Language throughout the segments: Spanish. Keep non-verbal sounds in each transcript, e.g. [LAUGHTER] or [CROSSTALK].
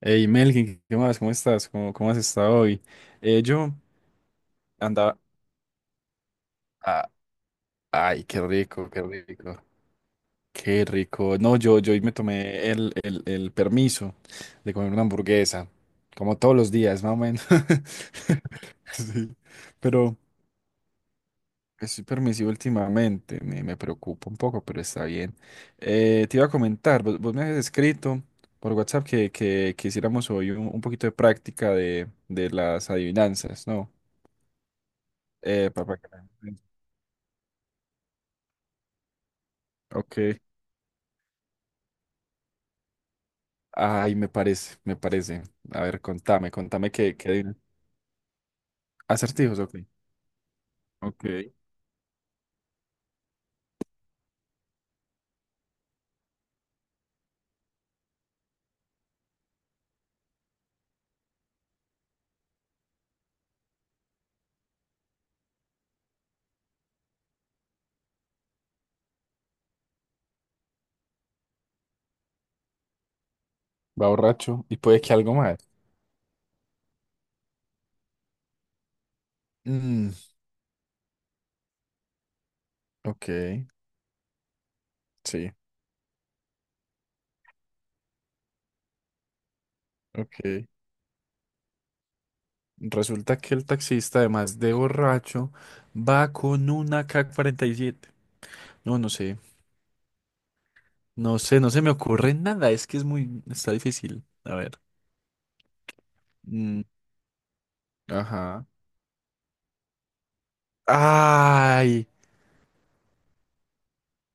Hey Melkin, ¿qué más? ¿Cómo estás? ¿Cómo has estado hoy? Yo andaba... ah, ay, qué rico, qué rico, qué rico. No, yo hoy me tomé el permiso de comer una hamburguesa, como todos los días, más o menos. [LAUGHS] Sí, pero estoy permisivo últimamente, me preocupa un poco, pero está bien. Te iba a comentar, vos me habías escrito por WhatsApp que hiciéramos hoy un poquito de práctica de las adivinanzas, ¿no? Papá. Ok. Ay, me parece, me parece. A ver, contame qué adivinas. Acertijos, ok. Ok. Va borracho y puede que algo más. Mm, ok, sí, ok. Resulta que el taxista, además de borracho, va con una AK-47. No, no sé, no sé, no se me ocurre nada. Es que es muy, está difícil. A ver. Mm, ajá. ¡Ay!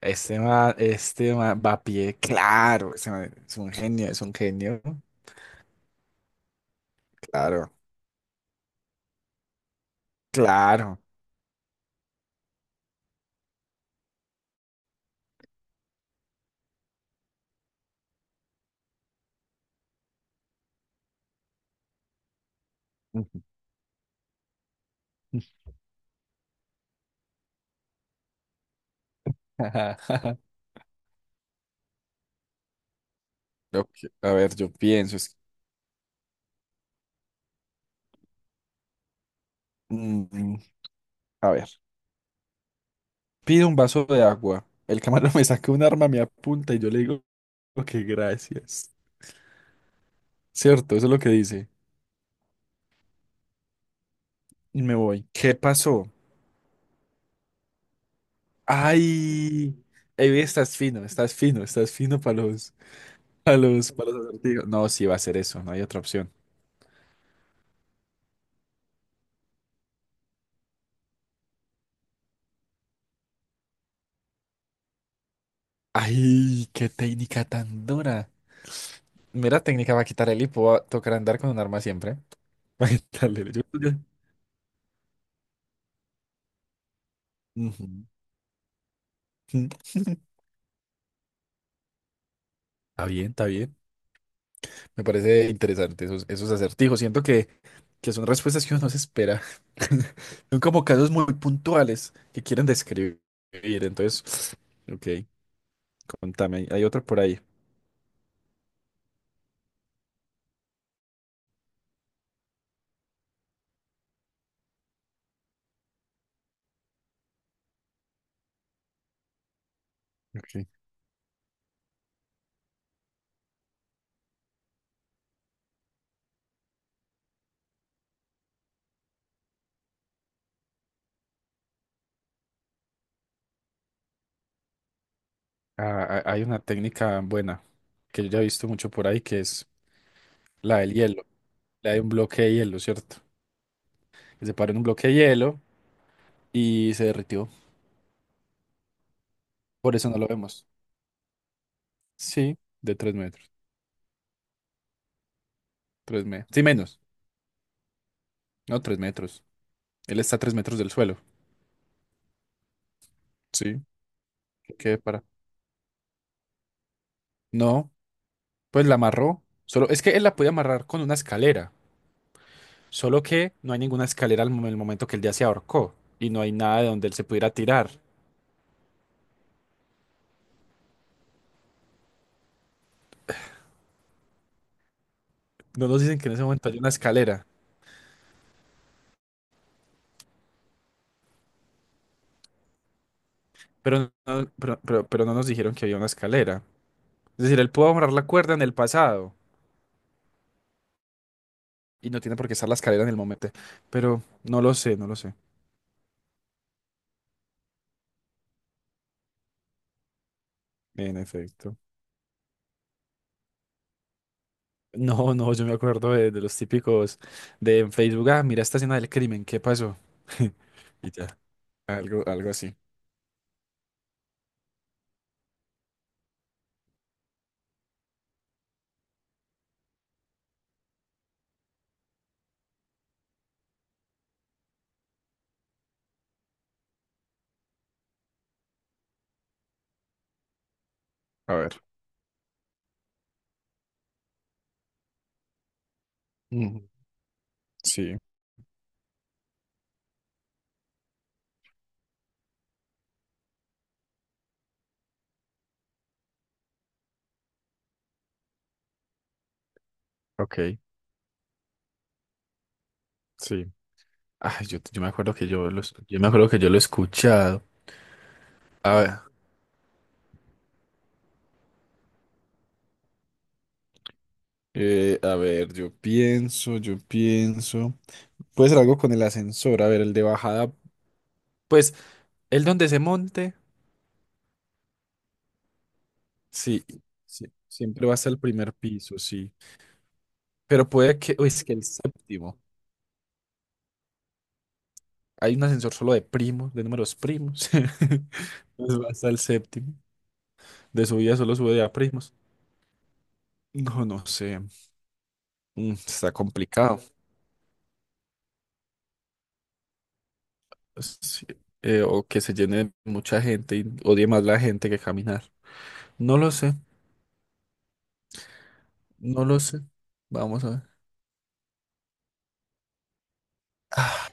Este man va a pie, claro, ese man es un genio, claro, claro. Ujú. [LAUGHS] A ver, yo pienso, mm, a ver, pido un vaso de agua, el camarón me saca un arma, me apunta y yo le digo que gracias. Cierto, eso es lo que dice. Y me voy. ¿Qué pasó? Ay, Evi, estás fino, estás fino, estás fino para los acertijos. No, sí va a ser eso, no hay otra opción. Ay, qué técnica tan dura. Mira, técnica va a quitar el hipo, va a tocar andar con un arma siempre. [LAUGHS] Va a quitarle- yo- yo- Ujú. [LAUGHS] Está bien, está bien. Me parece interesante esos acertijos. Siento que son respuestas que uno no se espera. [LAUGHS] Son como casos muy puntuales que quieren describir. Entonces, [SNIFFS] ok, contame. Hay otra por ahí. Ok. Hay una técnica buena que yo ya he visto mucho por ahí que es la del hielo, la de un bloque de hielo, ¿cierto? Que se paró en un bloque de hielo y se derritió. Por eso no lo vemos. Sí, de tres metros. Tres metros. Sí, menos. No, tres metros. Él está a tres metros del suelo. Sí, qué para. No, pues la amarró. Solo, es que él la puede amarrar con una escalera. Solo que no hay ninguna escalera el momento que él ya se ahorcó. Y no hay nada de donde él se pudiera tirar. No nos dicen que en ese momento hay una escalera. Pero no, no nos dijeron que había una escalera. Es decir, él pudo amarrar la cuerda en el pasado. Y no tiene por qué estar la escalera en el momento. Pero no lo sé, no lo sé. En efecto. [LAUGHS] No, no, yo me acuerdo de los típicos de en Facebook. Ah, mira esta escena del crimen, ¿qué pasó? [LAUGHS] Y ya. Algo así. A ver. Ujú. Sí, ok, sí. Ay, yo me acuerdo que yo lo he escuchado. A ver. A ver, yo pienso. Puede ser algo con el ascensor, a ver, el de bajada. Pues, el donde se monte. Sí, sí, siempre va hasta el primer piso, sí. Pero puede que, uy, es que el séptimo. Hay un ascensor solo de primos, de números primos. [LAUGHS] Pues va hasta el séptimo. De subida solo sube de a primos. No, no sé. Está complicado. Pues, sí, o que se llene de mucha gente y odie más la gente que caminar. No lo sé, no lo sé. Vamos a ver. Ah,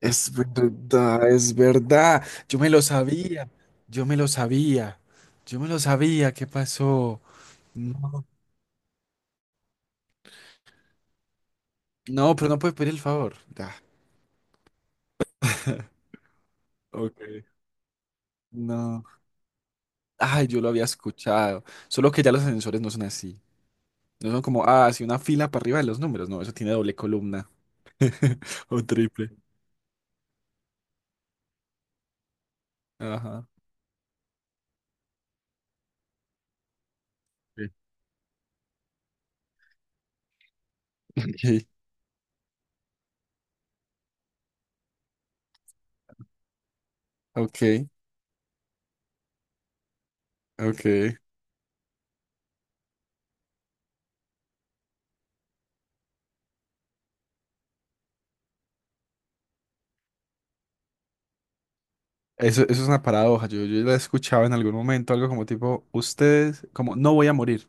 Es verdad, es verdad. Yo me lo sabía, yo me lo sabía, yo me lo sabía. ¿Qué pasó? No, no, pero no puede pedir el favor. Ya. [LAUGHS] Ok. No. Ay, yo lo había escuchado. Solo que ya los ascensores no son así. No son como, así una fila para arriba de los números. No, eso tiene doble columna. [LAUGHS] O triple. Ajá. Sí. [LAUGHS] Ok, ok. Ok. Eso es una paradoja. Yo la he escuchado en algún momento, algo como tipo, ustedes, como, no voy a morir.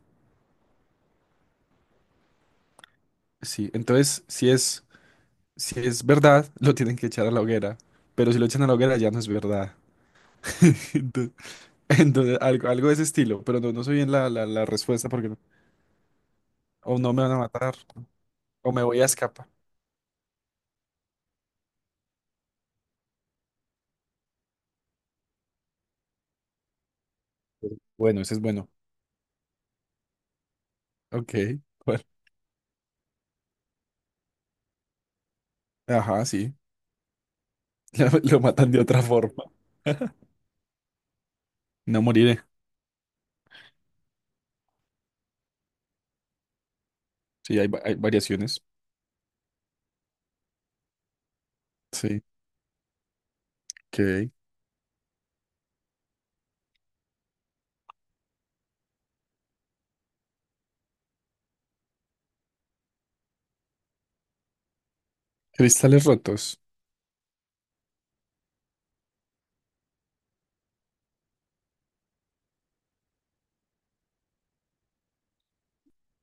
Sí, entonces, si es verdad, lo tienen que echar a la hoguera. Pero si lo echan a la hoguera, ya no es verdad. [LAUGHS] [LAUGHS] Entonces, algo de ese estilo, pero no, no sé bien la respuesta porque no- o no me van a matar o me voy a escapar. Bueno, ese es bueno. Ok, bueno, ajá, sí. [LAUGHS] Ya lo matan de otra forma. No moriré. Sí, hay variaciones. Sí, ok. Cristales rotos.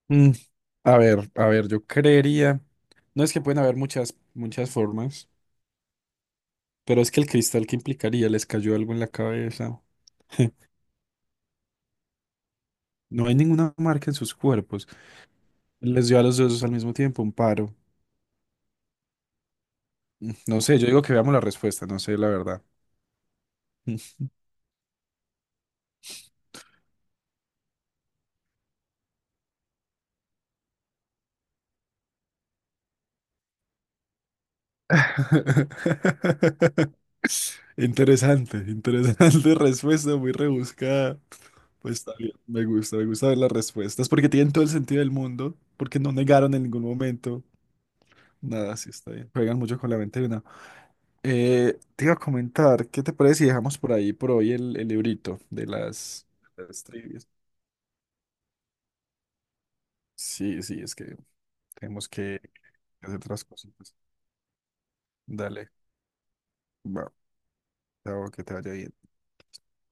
Mm, a ver, yo creería. No es que pueden haber muchas, muchas formas, pero es que el cristal que implicaría les cayó algo en la cabeza. No hay ninguna marca en sus cuerpos. Les dio a los dos al mismo tiempo un paro. No sé, yo digo que veamos la respuesta, no sé la verdad. [LAUGHS] Interesante, interesante [LAUGHS] respuesta, muy rebuscada. Pues está bien, me gusta ver las respuestas porque tienen todo el sentido del mundo, porque no negaron en ningún momento. Nada, sí está bien. Juegan mucho con la mente de una. Te iba a comentar, ¿qué te parece si dejamos por ahí por hoy el librito de las trivias? Sí, sí, es que tenemos que hacer otras cositas. Dale, va, chao, que te vaya bien.